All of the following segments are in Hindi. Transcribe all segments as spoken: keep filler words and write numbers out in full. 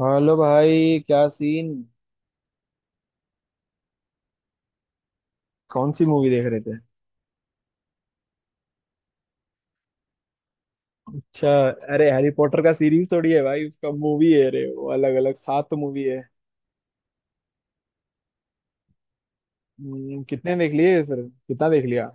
हेलो भाई, क्या सीन। कौन सी मूवी देख रहे थे। अच्छा। अरे हैरी पॉटर का सीरीज थोड़ी है भाई, उसका मूवी है। अरे वो अलग अलग सात मूवी है। हम्म, कितने देख लिए फिर। कितना देख लिया।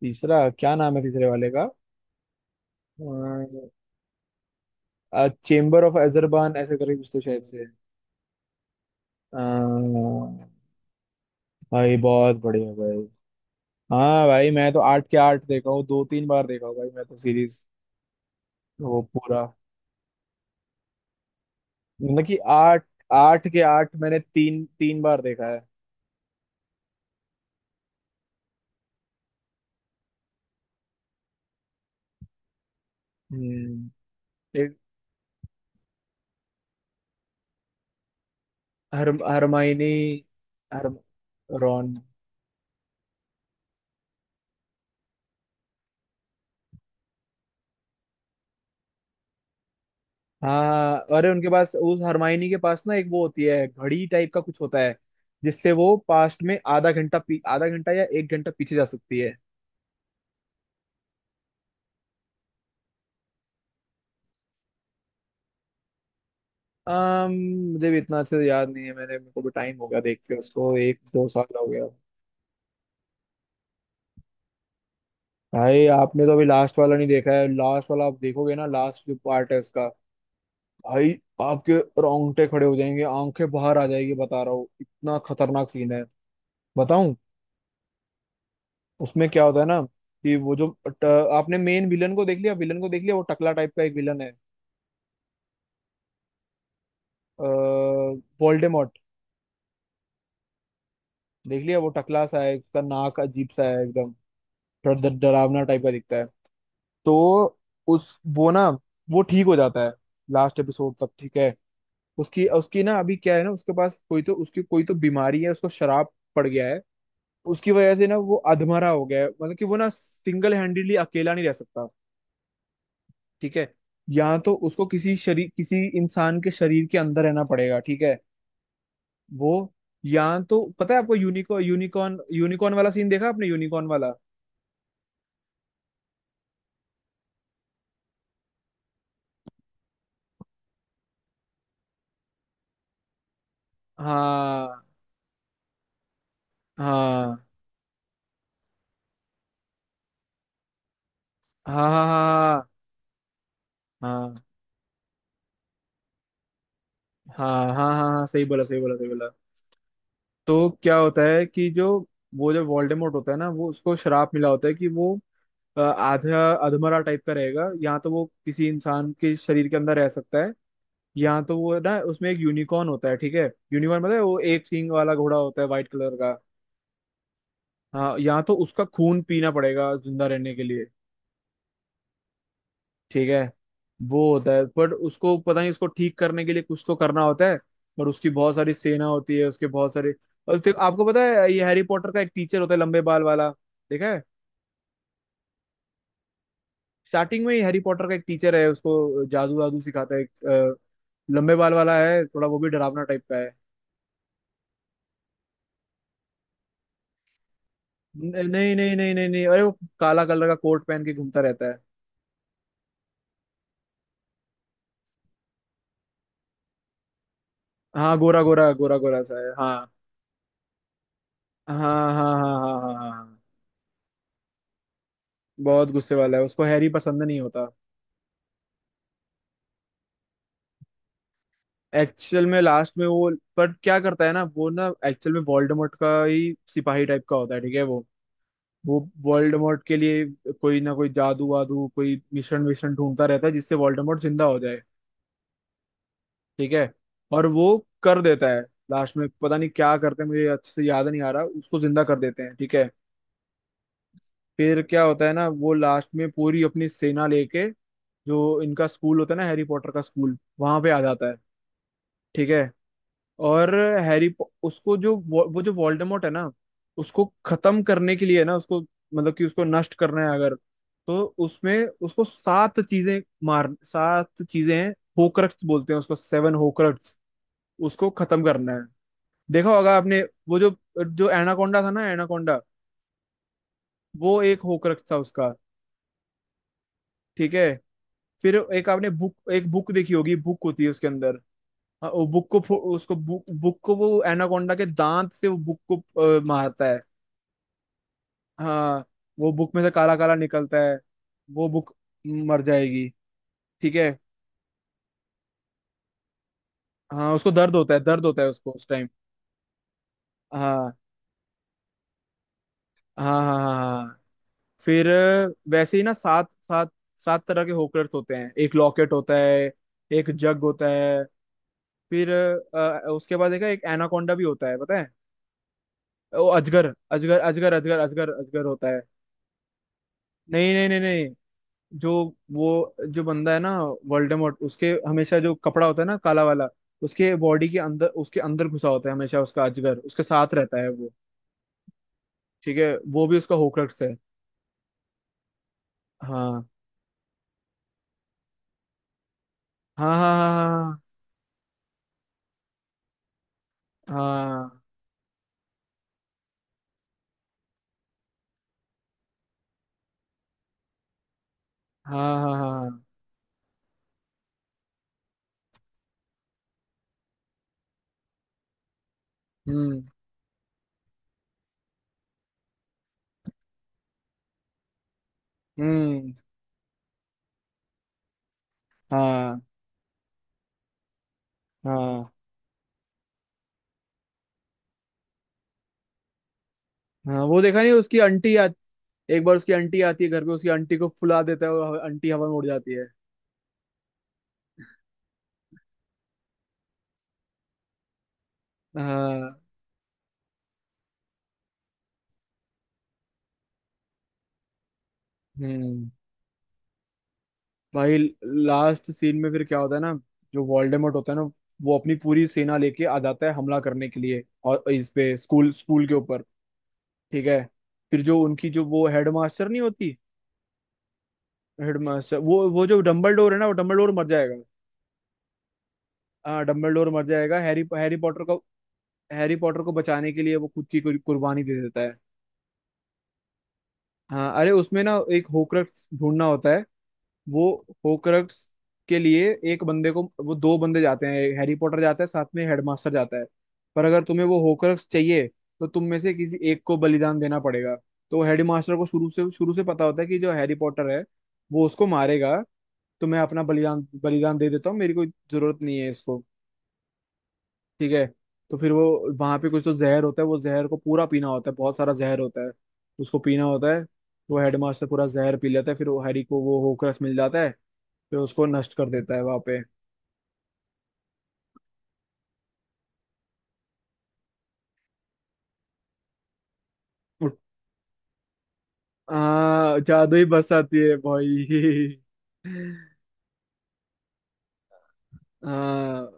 तीसरा क्या नाम है तीसरे वाले का। चेम्बर ऑफ अजरबान ऐसे करके कुछ तो शायद से। अ, भाई बहुत बढ़िया भाई। हाँ भाई, मैं तो आठ के आठ देखा हूँ, दो तीन बार देखा हूँ भाई, मैं तो सीरीज वो पूरा, मतलब कि आठ, आठ के आठ मैंने तीन तीन बार देखा है। हम्म। हर हरमाइनी। हर रॉन। हाँ अरे उनके पास, उस हरमाइनी के पास ना, एक वो होती है घड़ी टाइप का कुछ होता है, जिससे वो पास्ट में आधा घंटा पी- आधा घंटा या एक घंटा पीछे जा सकती है। अम मुझे भी इतना अच्छे से याद नहीं है, मैंने मेरे को भी टाइम हो गया देख के, उसको एक दो साल हो गया। भाई आपने तो अभी लास्ट वाला नहीं देखा है, लास्ट वाला आप देखोगे ना, लास्ट जो पार्ट है उसका, भाई आपके रोंगटे खड़े हो जाएंगे, आंखें बाहर आ जाएगी, बता रहा हूँ, इतना खतरनाक सीन है। बताऊं? उसमें क्या होता है ना, कि वो जो ट, आपने मेन विलन को देख लिया, विलन को देख लिया, वो टकला टाइप का एक विलन है। वोल्डेमॉर्ट। देख लिया, वो टकला सा है, उसका नाक अजीब सा है एकदम। थोड़ा डर- डरावना टाइप का दिखता है। तो उस वो ना, वो ठीक हो जाता है लास्ट एपिसोड तक, ठीक है। उसकी उसकी ना, अभी क्या है ना, उसके पास कोई तो, उसकी कोई तो बीमारी है, उसको शराब पड़ गया है। उसकी वजह से ना वो अधमरा हो गया है, मतलब कि वो ना सिंगल हैंडेडली अकेला नहीं रह सकता, ठीक है। या तो उसको किसी शरीर, किसी इंसान के शरीर के अंदर रहना पड़ेगा, ठीक है। वो, या तो पता है आपको, यूनिको यूनिकॉर्न, यूनिकॉर्न वाला सीन देखा आपने, यूनिकॉर्न वाला। हाँ हाँ हाँ हाँ हाँ हाँ हाँ हाँ हाँ हाँ, सही बोला, सही बोला, सही बोला। तो क्या होता है कि जो वो जो वोल्डेमॉर्ट होता है ना, वो उसको श्राप मिला होता है कि वो अ, आधा अधमरा टाइप का रहेगा, या तो वो किसी इंसान के शरीर के अंदर रह सकता है। यहाँ तो वो है ना, उसमें एक यूनिकॉर्न होता है, ठीक है। यूनिकॉर्न, पता है, वो एक सींग वाला घोड़ा होता है, व्हाइट कलर का। हाँ, यहाँ तो उसका खून पीना पड़ेगा जिंदा रहने के लिए, ठीक है। वो होता है, बट उसको पता नहीं, उसको ठीक करने के लिए कुछ तो करना होता है। और उसकी बहुत सारी सेना होती है, उसके बहुत सारे। और फिर आपको पता है, ये हैरी पॉटर का एक टीचर होता है, लंबे बाल वाला। देखा है। स्टार्टिंग में ही हैरी पॉटर का एक टीचर है, उसको जादू वादू सिखाता है एक, अ, लंबे बाल वाला है, थोड़ा वो भी डरावना टाइप का है। नहीं नहीं नहीं नहीं नहीं नहीं, अरे वो काला कलर का कोट पहन के घूमता रहता है। हाँ, गोरा गोरा गोरा गोरा सा है, हाँ। हाँ हाँ हाँ हाँ हाँ हाँ हाँ बहुत गुस्से वाला है, उसको हैरी पसंद नहीं होता। एक्चुअल में लास्ट में वो, पर क्या करता है ना, वो ना एक्चुअल में वोल्डेमॉर्ट का ही सिपाही टाइप का होता है, ठीक है। वो वो वोल्डेमॉर्ट के लिए कोई ना कोई जादू वादू, कोई मिशन विशन ढूंढता रहता है, जिससे वोल्डेमॉर्ट जिंदा हो जाए, ठीक है। और वो कर देता है। लास्ट में पता नहीं क्या करते हैं, मुझे अच्छे से याद नहीं आ रहा, उसको जिंदा कर देते हैं, ठीक है। फिर क्या होता है ना, वो लास्ट में पूरी अपनी सेना लेके, जो इनका स्कूल होता है ना, हैरी पॉटर का स्कूल, वहां पे आ जाता है, ठीक है। और हैरी, उसको जो वो, वो जो वोल्डेमॉर्ट है ना, उसको खत्म करने के लिए ना, उसको मतलब कि उसको नष्ट करना है अगर, तो उसमें उसको सात चीजें, मार सात चीजें हैं। होक्रक्स बोलते हैं उसको, सेवन होक्रक्स, उसको खत्म करना है। देखा होगा आपने। वो जो जो एनाकोंडा था ना, एनाकोंडा, वो एक होक्रक्स था उसका, ठीक है। फिर एक आपने बुक, एक बुक देखी होगी, बुक होती है उसके अंदर। हाँ, वो बुक को फो- उसको बुक बुक को वो एनाकोंडा के दांत से वो बुक को अ, मारता है। हाँ, वो बुक में से काला काला निकलता है, वो बुक मर जाएगी, ठीक है। हाँ, उसको दर्द होता है, दर्द होता है उसको उस टाइम। हाँ हाँ हाँ हाँ हाँ। फिर अ, वैसे ही ना, सात सात सात तरह के होकर्स होते हैं, एक लॉकेट होता है, एक जग होता है। फिर अ, अ, उसके बाद देखा, एक एनाकोंडा भी होता है, पता है, वो अजगर अजगर अजगर अजगर अजगर अजगर होता है। नहीं नहीं नहीं नहीं, जो वो जो बंदा है ना, वोल्डेमॉर्ट, उसके हमेशा जो कपड़ा होता है ना, काला वाला, उसके बॉडी के अंदर, उसके अंदर घुसा होता है हमेशा, उसका अजगर उसके साथ रहता है वो, ठीक है, वो भी उसका होक्रक्स है। हाँ हाँ हाँ हाँ हाँ हाँ हाँ हाँ हाँ, हाँ। हम्म हम्म। हाँ हाँ हाँ, वो देखा नहीं, उसकी आंटी आ, एक बार उसकी आंटी आती है घर पे, उसकी आंटी को फुला देता है, और आंटी हवा में उड़ जाती है। हाँ। हम्म। भाई लास्ट सीन में फिर क्या होता है ना, जो वोल्डेमॉर्ट होता है ना, वो अपनी पूरी सेना लेके आ जाता है हमला करने के लिए, और इस पे, स्कूल, स्कूल के ऊपर, ठीक है। फिर जो उनकी, जो वो हेडमास्टर नहीं होती, हेडमास्टर, वो वो जो डम्बलडोर है ना, वो डम्बलडोर मर जाएगा। हाँ, डम्बलडोर मर जाएगा, हैरी, हैरी पॉटर को, हैरी पॉटर को बचाने के लिए वो खुद की कुर- कुर्बानी दे देता है। हाँ, अरे उसमें ना एक होक्रक्स ढूंढना होता है, वो होक्रक्स के लिए एक बंदे को, वो दो बंदे जाते हैं, हैरी पॉटर जाता है, साथ में हेडमास्टर जाता है। पर अगर तुम्हें वो होक्रक्स चाहिए, तो तुम में से किसी एक को बलिदान देना पड़ेगा। तो हेडमास्टर को शुरू से, शुरू से पता होता है कि जो हैरी पॉटर है, वो उसको मारेगा, तो मैं अपना बलिदान, बलिदान दे देता हूँ, मेरी कोई जरूरत नहीं है इसको, ठीक है। तो फिर वो वहां पे कुछ तो जहर होता है, वो जहर को पूरा पीना होता है, बहुत सारा जहर होता है, उसको पीना होता है। वो हेडमास्टर पूरा जहर पी लेता है, फिर वो हैरी को वो होक्रक्स मिल जाता है, जो उसको नष्ट कर देता है वहां पे। हाँ, जादू ही बस आती है भाई। हाँ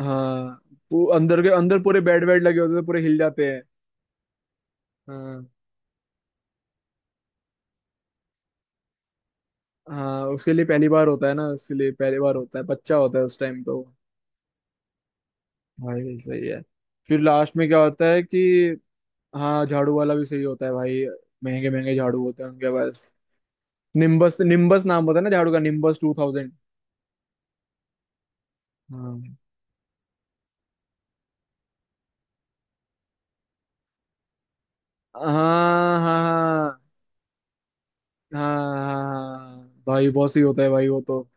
हाँ, पू- अंदर के अंदर पूरे बेड वेड लगे होते हैं, पूरे हिल जाते हैं। हाँ हाँ, उसके लिए पहली बार होता है ना, उसके लिए पहली बार होता है, बच्चा होता है उस टाइम तो। भाई सही है। फिर लास्ट में क्या होता है कि, हाँ, झाड़ू वाला भी सही होता है भाई, महंगे महंगे झाड़ू होते हैं उनके पास। निम्बस, निम्बस नाम होता है ना झाड़ू का, निम्बस टू थाउजेंड। हाँ हाँ हाँ हाँ हाँ हाँ हाँ, भाई बहुत सही होता है भाई वो तो।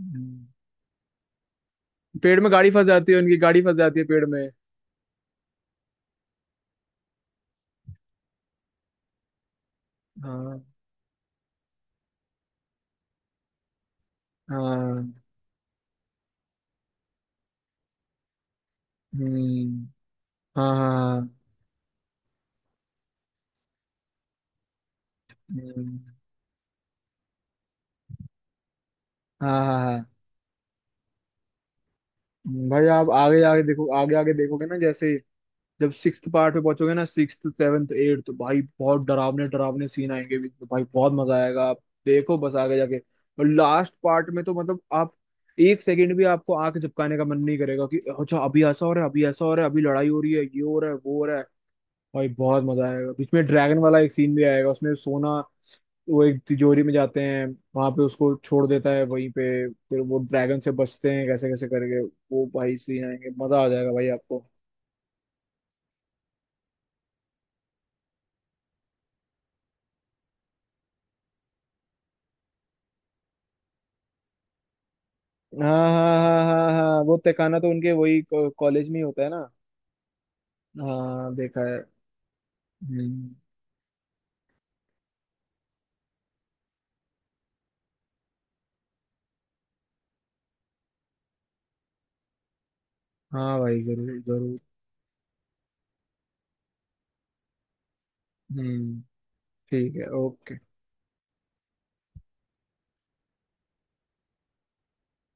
हम्म, पेड़ में गाड़ी फंस जाती है, उनकी गाड़ी फंस जाती है पेड़ में। हाँ हाँ। हम्म। हाँ हाँ हाँ। हम्म, हाँ हाँ हाँ, हम्म, भाई आप आगे आगे देखो, आगे आगे देखोगे ना, जैसे जब सिक्स्थ पार्ट में पहुंचोगे ना, सिक्स्थ सेवन्थ एट, तो भाई बहुत डरावने डरावने सीन आएंगे बीच में भाई, बहुत मजा आएगा, आप देखो बस आगे जाके। और लास्ट पार्ट में तो मतलब आप, एक सेकंड भी आपको आंख झपकाने का मन नहीं करेगा, कि अच्छा अभी ऐसा हो रहा है, अभी ऐसा हो रहा है, अभी लड़ाई हो रही है, ये हो रहा है, वो हो रहा है। भाई बहुत मजा आएगा, बीच में ड्रैगन वाला एक सीन भी आएगा, उसमें सोना, वो एक तिजोरी में जाते हैं, वहां पे उसको छोड़ देता है वहीं पे, फिर वो ड्रैगन से बचते हैं कैसे कैसे करके। वो भाई, सीन आएंगे, मजा आ जाएगा भाई आपको। हाँ हाँ हाँ हाँ हाँ, वो तहखाना तो उनके वही कॉलेज में ही होता है ना। हाँ, देखा है। हम्म। हाँ भाई, जरूर जरूर। हम्म ठीक है, ओके।